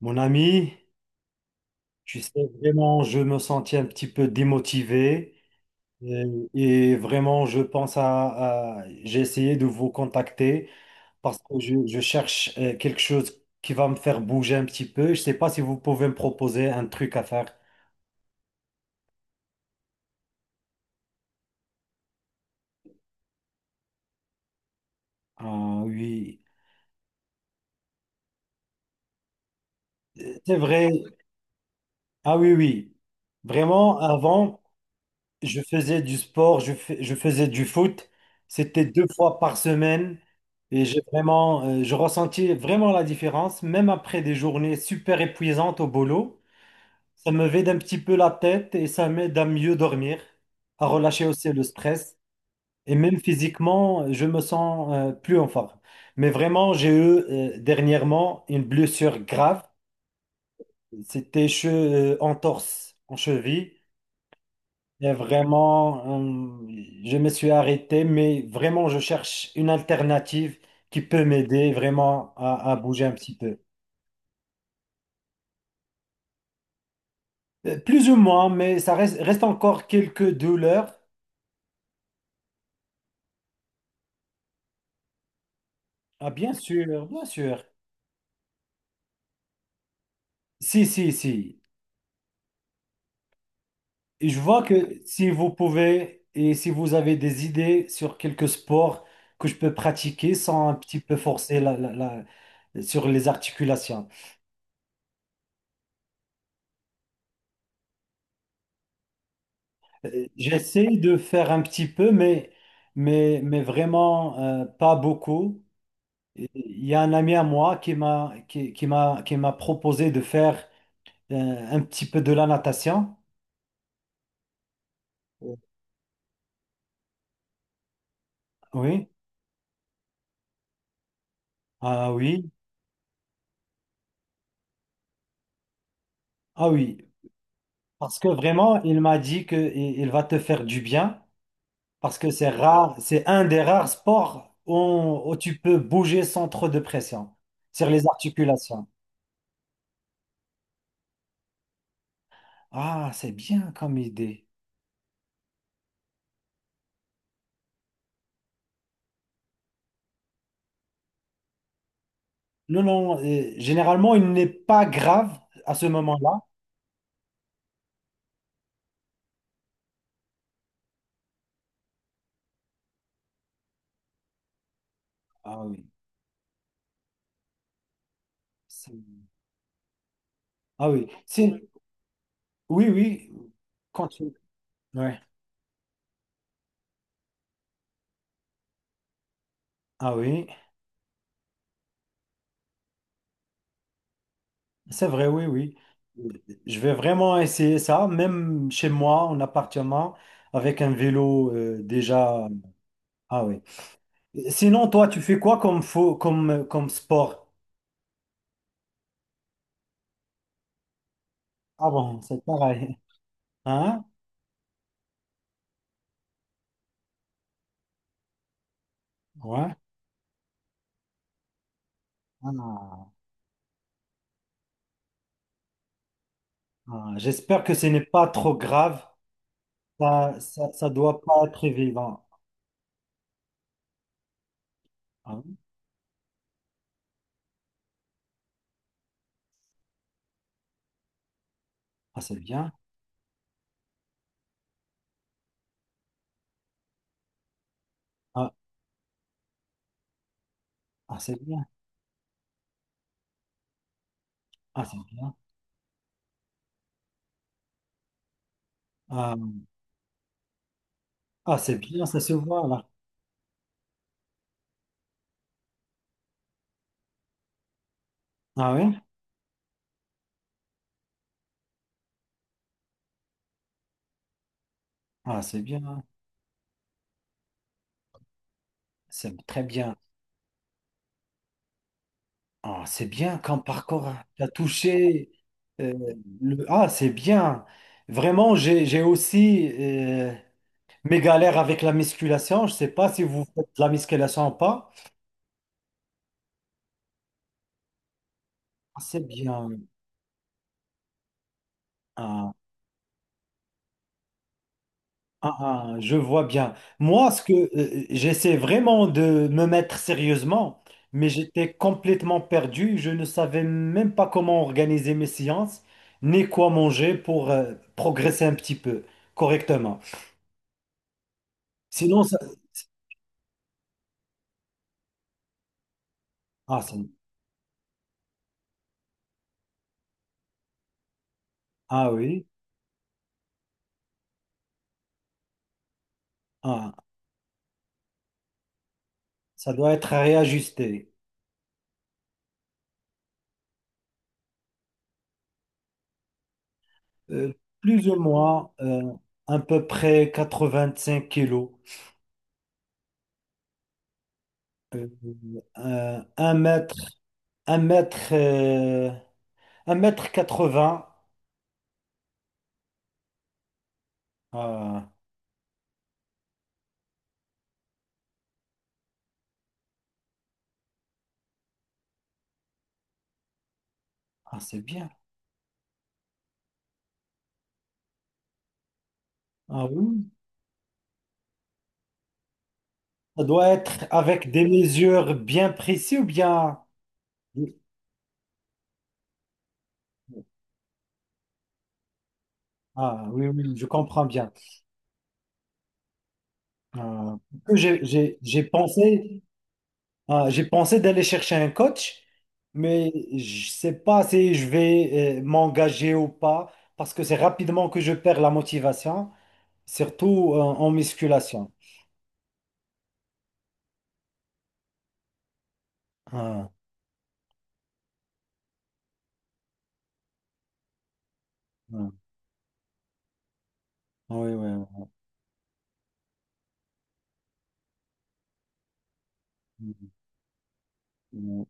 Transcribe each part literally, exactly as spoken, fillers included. Mon ami, tu sais, vraiment, je me sentis un petit peu démotivé euh, et, vraiment, je pense à, à- j'ai essayé de vous contacter parce que je, je cherche euh, quelque chose qui va me faire bouger un petit peu. Je ne sais pas si vous pouvez me proposer un truc à faire. Ah oui, c'est vrai. Ah oui, oui. Vraiment, avant. Je faisais du sport, je, fais- je faisais du foot. C'était deux fois par semaine et j'ai vraiment, euh, je ressentis vraiment la différence, même après des journées super épuisantes au boulot. Ça me vide un petit peu la tête et ça m'aide à mieux dormir, à relâcher aussi le stress. Et même physiquement, je me sens euh, plus en forme. Mais vraiment, j'ai eu euh, dernièrement une blessure grave. C'était che- euh, entorse en cheville. Et vraiment, hum, je me suis arrêté, mais vraiment, je cherche une alternative qui peut m'aider vraiment à, à bouger un petit peu. Euh, Plus ou moins, mais ça reste, reste encore quelques douleurs. Ah, bien sûr, bien sûr. Si, si, si. Et je vois que si vous pouvez et si vous avez des idées sur quelques sports que je peux pratiquer sans un petit peu forcer la, la- la- sur les articulations. J'essaie de faire un petit peu, mais, mais, mais vraiment euh, pas beaucoup. Il y a un ami à moi qui m'a qui, qui m'a qui m'a proposé de faire euh, un petit peu de la natation. Oui, ah oui, ah oui. Parce que vraiment, il m'a dit que i- il va te faire du bien, parce que c'est rare, c'est un des rares sports où, où tu peux bouger sans trop de pression sur les articulations. Ah, c'est bien comme idée. Non, non, euh, généralement, il n'est pas grave à ce moment-là. Ah oui. C'est- Ah oui. C'est- Oui, oui. Continue. Ouais. Ah oui. C'est vrai, oui, oui. Je vais vraiment essayer ça, même chez moi, en appartement, avec un vélo euh, déjà. Ah oui. Sinon, toi, tu fais quoi comme, faux, comme, comme sport? Ah bon, c'est pareil. Hein? Ouais. Ah. Ah, j'espère que ce n'est pas trop grave. Ça, ça, ça doit pas être évident. Ah oui. Ah, c'est bien. Ah, ah, c'est bien. Ah, c'est bien. Ah, ah, c'est bien, ça se voit là. Ah oui? Ah, c'est bien. C'est très bien. Ah, c'est bien comme parcours. Hein. T'as touché. euh, le... Ah, c'est bien. Vraiment, j'ai, j'ai aussi euh, mes galères avec la musculation. Je ne sais pas si vous faites de la musculation ou pas. Ah, c'est bien. Ah. Ah, ah, je vois bien. Moi, ce que euh, j'essaie vraiment de me mettre sérieusement, mais j'étais complètement perdu. Je ne savais même pas comment organiser mes séances, ni quoi manger pour euh, progresser un petit peu correctement. Sinon, ça... Ah, ça- ah oui, ah, ça doit être réajusté. Euh, Plus ou moins, euh, à peu près quatre-vingt-cinq kilos, euh, euh, un mètre, un mètre. euh, un mètre quatre-vingts. euh, ah, c'est bien. Ah oui. Ça doit être avec des mesures bien précises ou bien... Ah oui, oui, je comprends bien. Euh, que j'ai j'ai- j'ai pensé, ah, j'ai pensé d'aller chercher un coach, mais je sais pas si je vais euh, m'engager ou pas, parce que c'est rapidement que je perds la motivation, surtout euh, en musculation. Ah, ah, oui, oui, oui.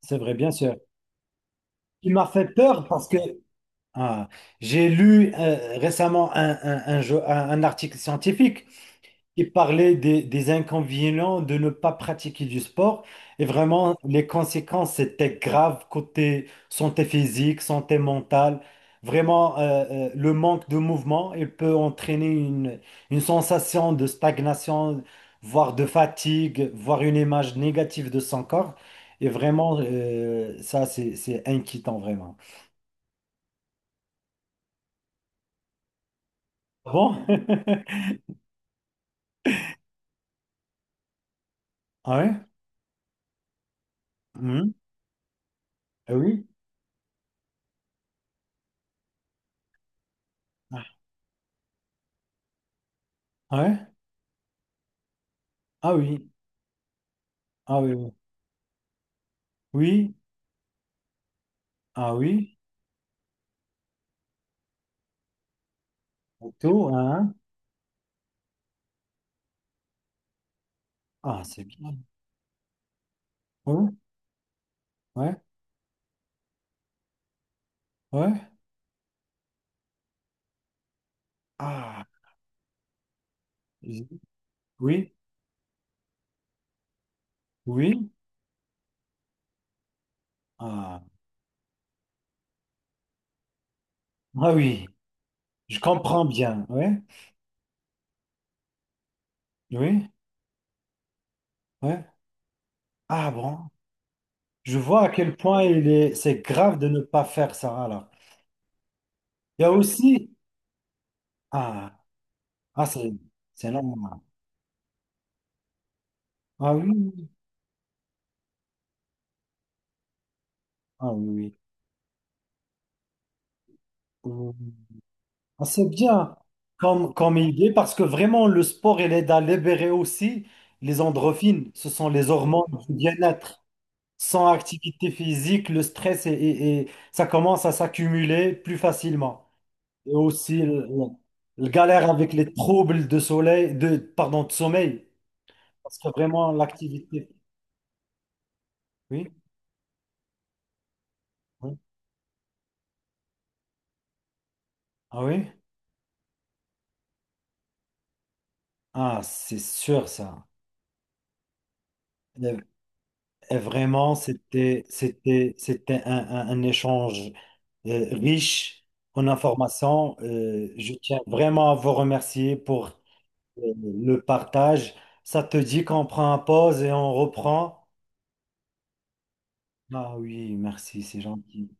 C'est vrai, bien sûr. Il m'a fait peur parce que ah, j'ai lu euh, récemment un, un- un jo- un- un article scientifique qui parlait des, des inconvénients de ne pas pratiquer du sport et vraiment les conséquences étaient graves côté santé physique, santé mentale. Vraiment, euh, euh, le manque de mouvement, il peut entraîner une, une sensation de stagnation, voire de fatigue, voire une image négative de son corps. Et vraiment, euh, ça, c'est c'est inquiétant, vraiment. Ah bon? Ah ouais? Mhm. Ah oui? Ah ouais? Ah oui. Ah oui. Oui. Oui. Ah oui. Auto, hein? Ah, c'est bien. Ouais. Ouais. Ouais. Ah. j- Oui. Oui. Ah. Ah oui. Je comprends bien. Ouais. Oui. Ouais. Ah bon. Je vois à quel point il est, c'est grave de ne pas faire ça alors. Il y a aussi. Ah. Ah, c'est, c'est normal. Ah oui. Ah oui. Oui. Ah, c'est bien comme, comme idée parce que vraiment le sport il aide à libérer aussi les endorphines, ce sont les hormones du bien-être. Sans activité physique, le stress est- est- est- ça commence à s'accumuler plus facilement. Et aussi le, le- galère avec les troubles de soleil, de, pardon, de sommeil. Parce que vraiment l'activité. Oui, oui. Ah oui? Ah, c'est sûr ça. Et, et vraiment, c'était, c'était, c'était un un- un échange. euh, riche en informations. Euh, je tiens vraiment à vous remercier pour euh, le partage. Ça te dit qu'on prend une pause et on reprend? Ah oui, merci, c'est gentil.